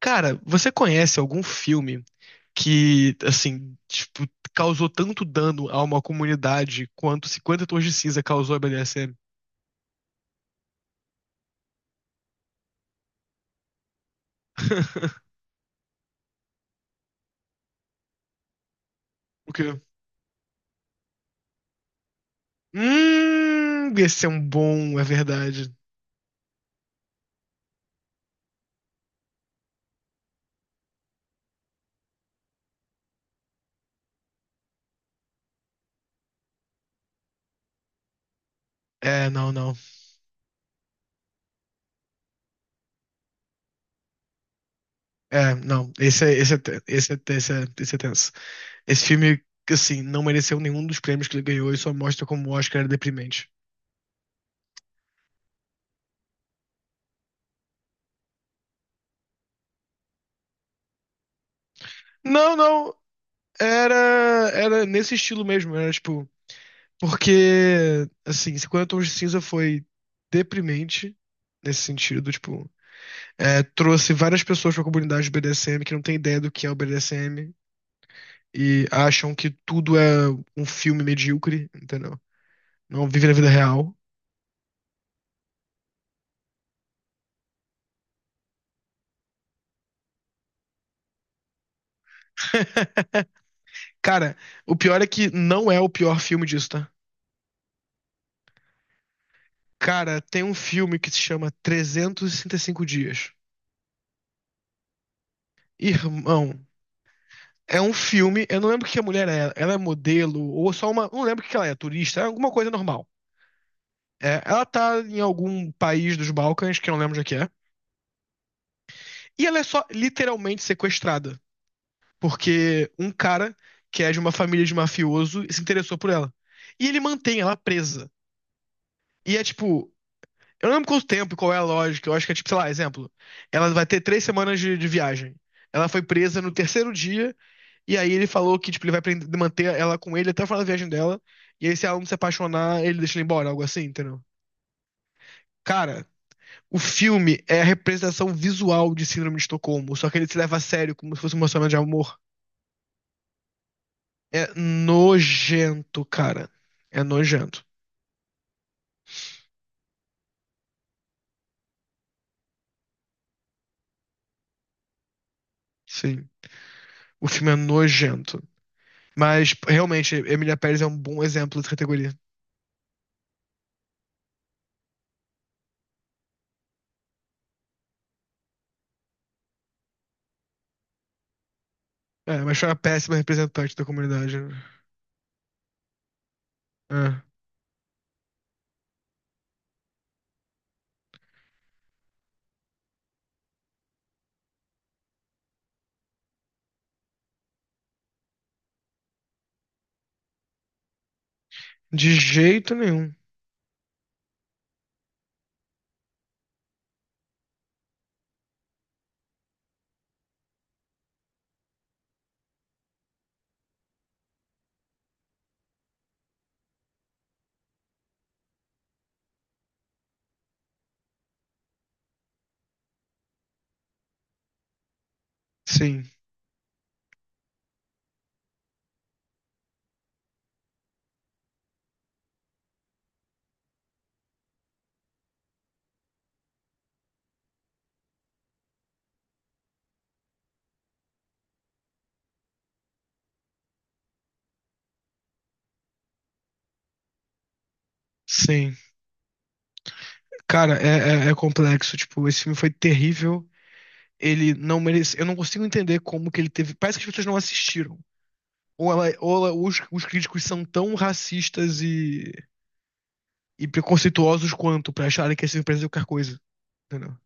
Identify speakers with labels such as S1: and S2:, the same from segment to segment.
S1: Cara, você conhece algum filme que, assim, tipo, causou tanto dano a uma comunidade quanto Cinquenta Tons de Cinza causou a BDSM? O quê? Esse é um bom, é verdade. É, não, não. É, não. Esse é tenso. Esse filme, assim, não mereceu nenhum dos prêmios que ele ganhou e só mostra como o Oscar era deprimente. Não, não. Era, era nesse estilo mesmo. Era, tipo. Porque, assim, 50 Tons de Cinza foi deprimente nesse sentido, tipo, trouxe várias pessoas pra comunidade do BDSM que não tem ideia do que é o BDSM e acham que tudo é um filme medíocre, entendeu? Não vive na vida real. Cara, o pior é que não é o pior filme disso, tá? Cara, tem um filme que se chama 365 Dias. Irmão, é um filme, eu não lembro o que a mulher é. Ela é modelo ou só uma, não lembro o que ela é, turista, é alguma coisa normal. É, ela tá em algum país dos Balcãs, que eu não lembro onde é que é. E ela é só literalmente sequestrada. Porque um cara, que é de uma família de mafioso, se interessou por ela. E ele mantém ela presa. E é tipo. Eu não lembro quanto tempo, qual é a lógica. Eu acho que é tipo, sei lá, exemplo. Ela vai ter 3 semanas de viagem. Ela foi presa no terceiro dia. E aí ele falou que, tipo, ele vai manter ela com ele até o final da viagem dela. E aí, se ela não se apaixonar, ele deixa ela embora, algo assim, entendeu? Cara, o filme é a representação visual de Síndrome de Estocolmo, só que ele se leva a sério como se fosse um relacionamento de amor. É nojento, cara. É nojento. Sim. O filme é nojento. Mas, realmente, Emília Pérez é um bom exemplo dessa categoria. É, mas foi uma péssima representante da comunidade. É. De jeito nenhum. Sim. Sim. Cara, é complexo. Tipo, esse filme foi terrível. Ele não merece. Eu não consigo entender como que ele teve. Parece que as pessoas não assistiram. Ou os críticos são tão racistas e preconceituosos quanto pra acharem que essa empresa é qualquer coisa, entendeu?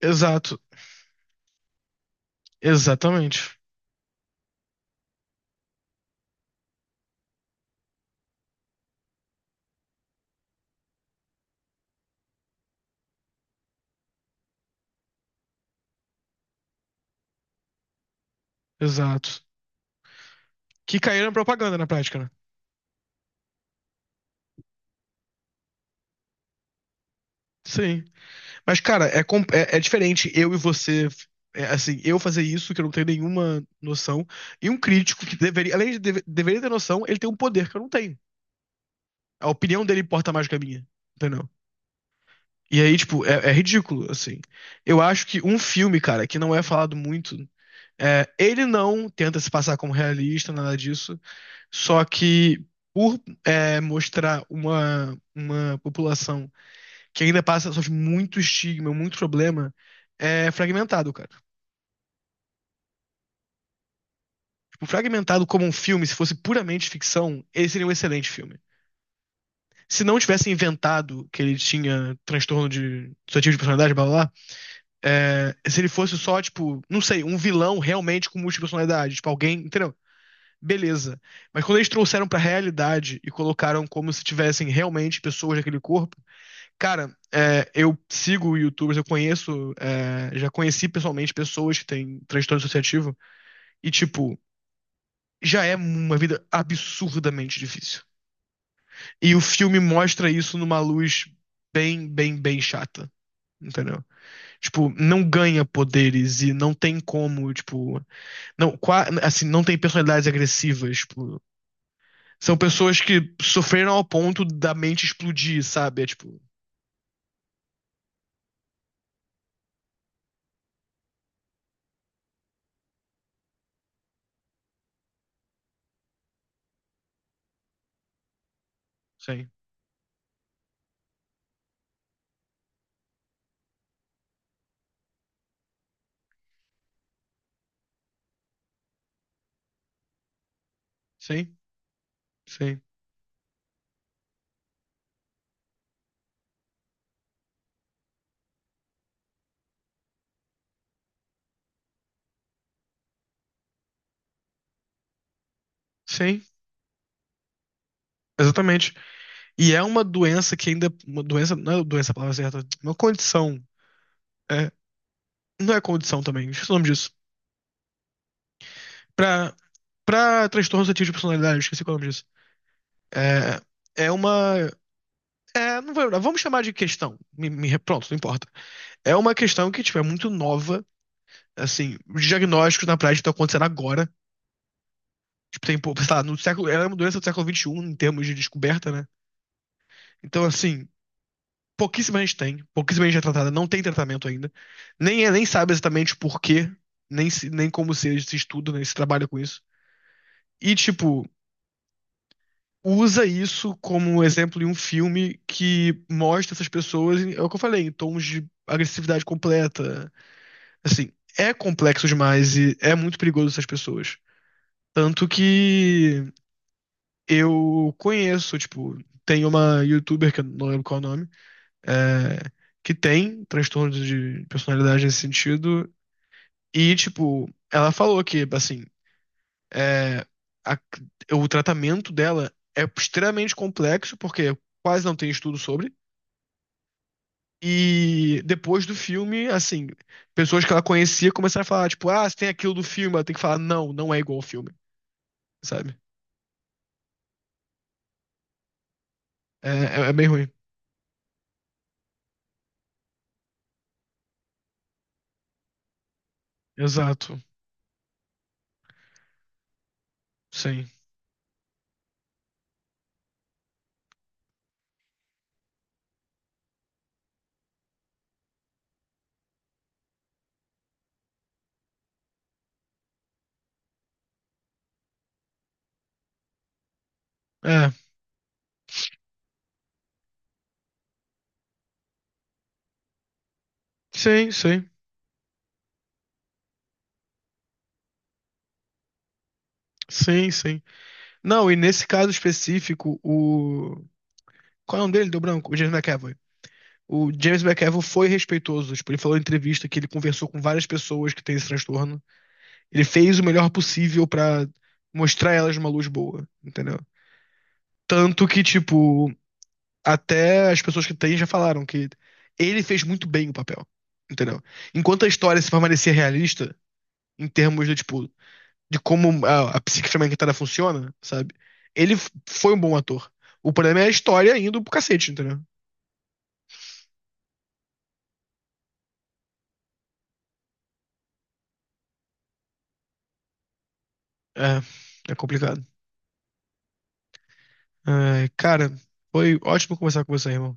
S1: Exato, exatamente, exato. Que caíram na propaganda na prática, né? Sim. Mas, cara, é diferente eu e você, assim, eu fazer isso, que eu não tenho nenhuma noção, e um crítico que deveria, além de deveria ter noção, ele tem um poder que eu não tenho. A opinião dele importa mais do que a minha, entendeu? E aí, tipo, é ridículo, assim. Eu acho que um filme, cara, que não é falado muito. É, ele não tenta se passar como realista, nada disso, só que por mostrar uma população que ainda passa sofre muito estigma, muito problema, é fragmentado, cara. Tipo, fragmentado como um filme, se fosse puramente ficção, ele seria um excelente filme. Se não tivesse inventado que ele tinha transtorno de dissociativo de personalidade, blá blá, blá. É, se ele fosse só, tipo, não sei, um vilão realmente com múltipla personalidade, tipo, alguém, entendeu? Beleza. Mas quando eles trouxeram pra realidade e colocaram como se tivessem realmente pessoas naquele corpo, cara, eu sigo YouTubers, eu conheço, já conheci pessoalmente pessoas que têm transtorno dissociativo e, tipo, já é uma vida absurdamente difícil. E o filme mostra isso numa luz bem, bem, bem chata. Entendeu? Tipo, não ganha poderes e não tem como, tipo, não, assim, não tem personalidades agressivas, tipo. São pessoas que sofreram ao ponto da mente explodir, sabe? É tipo, sim, sim, sim, sim. Exatamente. E é uma doença que ainda. Uma doença. Não é doença a palavra certa. Uma condição. É, não é condição também. Esqueci o nome disso. Pra, pra transtorno suscetível de personalidade, esqueci qual é o nome disso. É, é uma. É, não vou vamos chamar de questão. Pronto, não importa. É uma questão que, tipo, é muito nova. Assim, os diagnósticos na prática estão acontecendo agora. Tipo, tem, sei lá, no século, ela é uma doença do século XXI em termos de descoberta, né? Então, assim, pouquíssima gente tem, pouquíssima gente é tratada, não tem tratamento ainda. Nem, nem sabe exatamente o porquê, nem, nem como se estuda, nem se trabalha com isso. E, tipo, usa isso como um exemplo em um filme que mostra essas pessoas, é o que eu falei, em tons de agressividade completa. Assim, é complexo demais e é muito perigoso essas pessoas. Tanto que eu conheço, tipo, tem uma youtuber, que eu não lembro qual é o nome, é, que tem transtorno de personalidade nesse sentido, e, tipo, ela falou que, assim, é, a- o tratamento dela é extremamente complexo, porque quase não tem estudo sobre, e depois do filme, assim, pessoas que ela conhecia começaram a falar, tipo, ah, você tem aquilo do filme, ela tem que falar, não, não é igual ao filme, sabe? É bem ruim. Exato, sim. É, sim, sim. Sim, sim. Não, e nesse caso específico, o. Qual é o nome dele? Deu branco? O James McAvoy. O James McAvoy foi respeitoso. Tipo, ele falou em entrevista que ele conversou com várias pessoas que têm esse transtorno. Ele fez o melhor possível pra mostrar elas uma luz boa, entendeu? Tanto que, tipo, até as pessoas que têm já falaram que ele fez muito bem o papel, entendeu? Enquanto a história se permanecer realista, em termos de, tipo, de como a psique fragmentada funciona, sabe? Ele foi um bom ator. O problema é a história indo pro cacete, entendeu? É, é complicado. Ai, cara, foi ótimo conversar com você, irmão.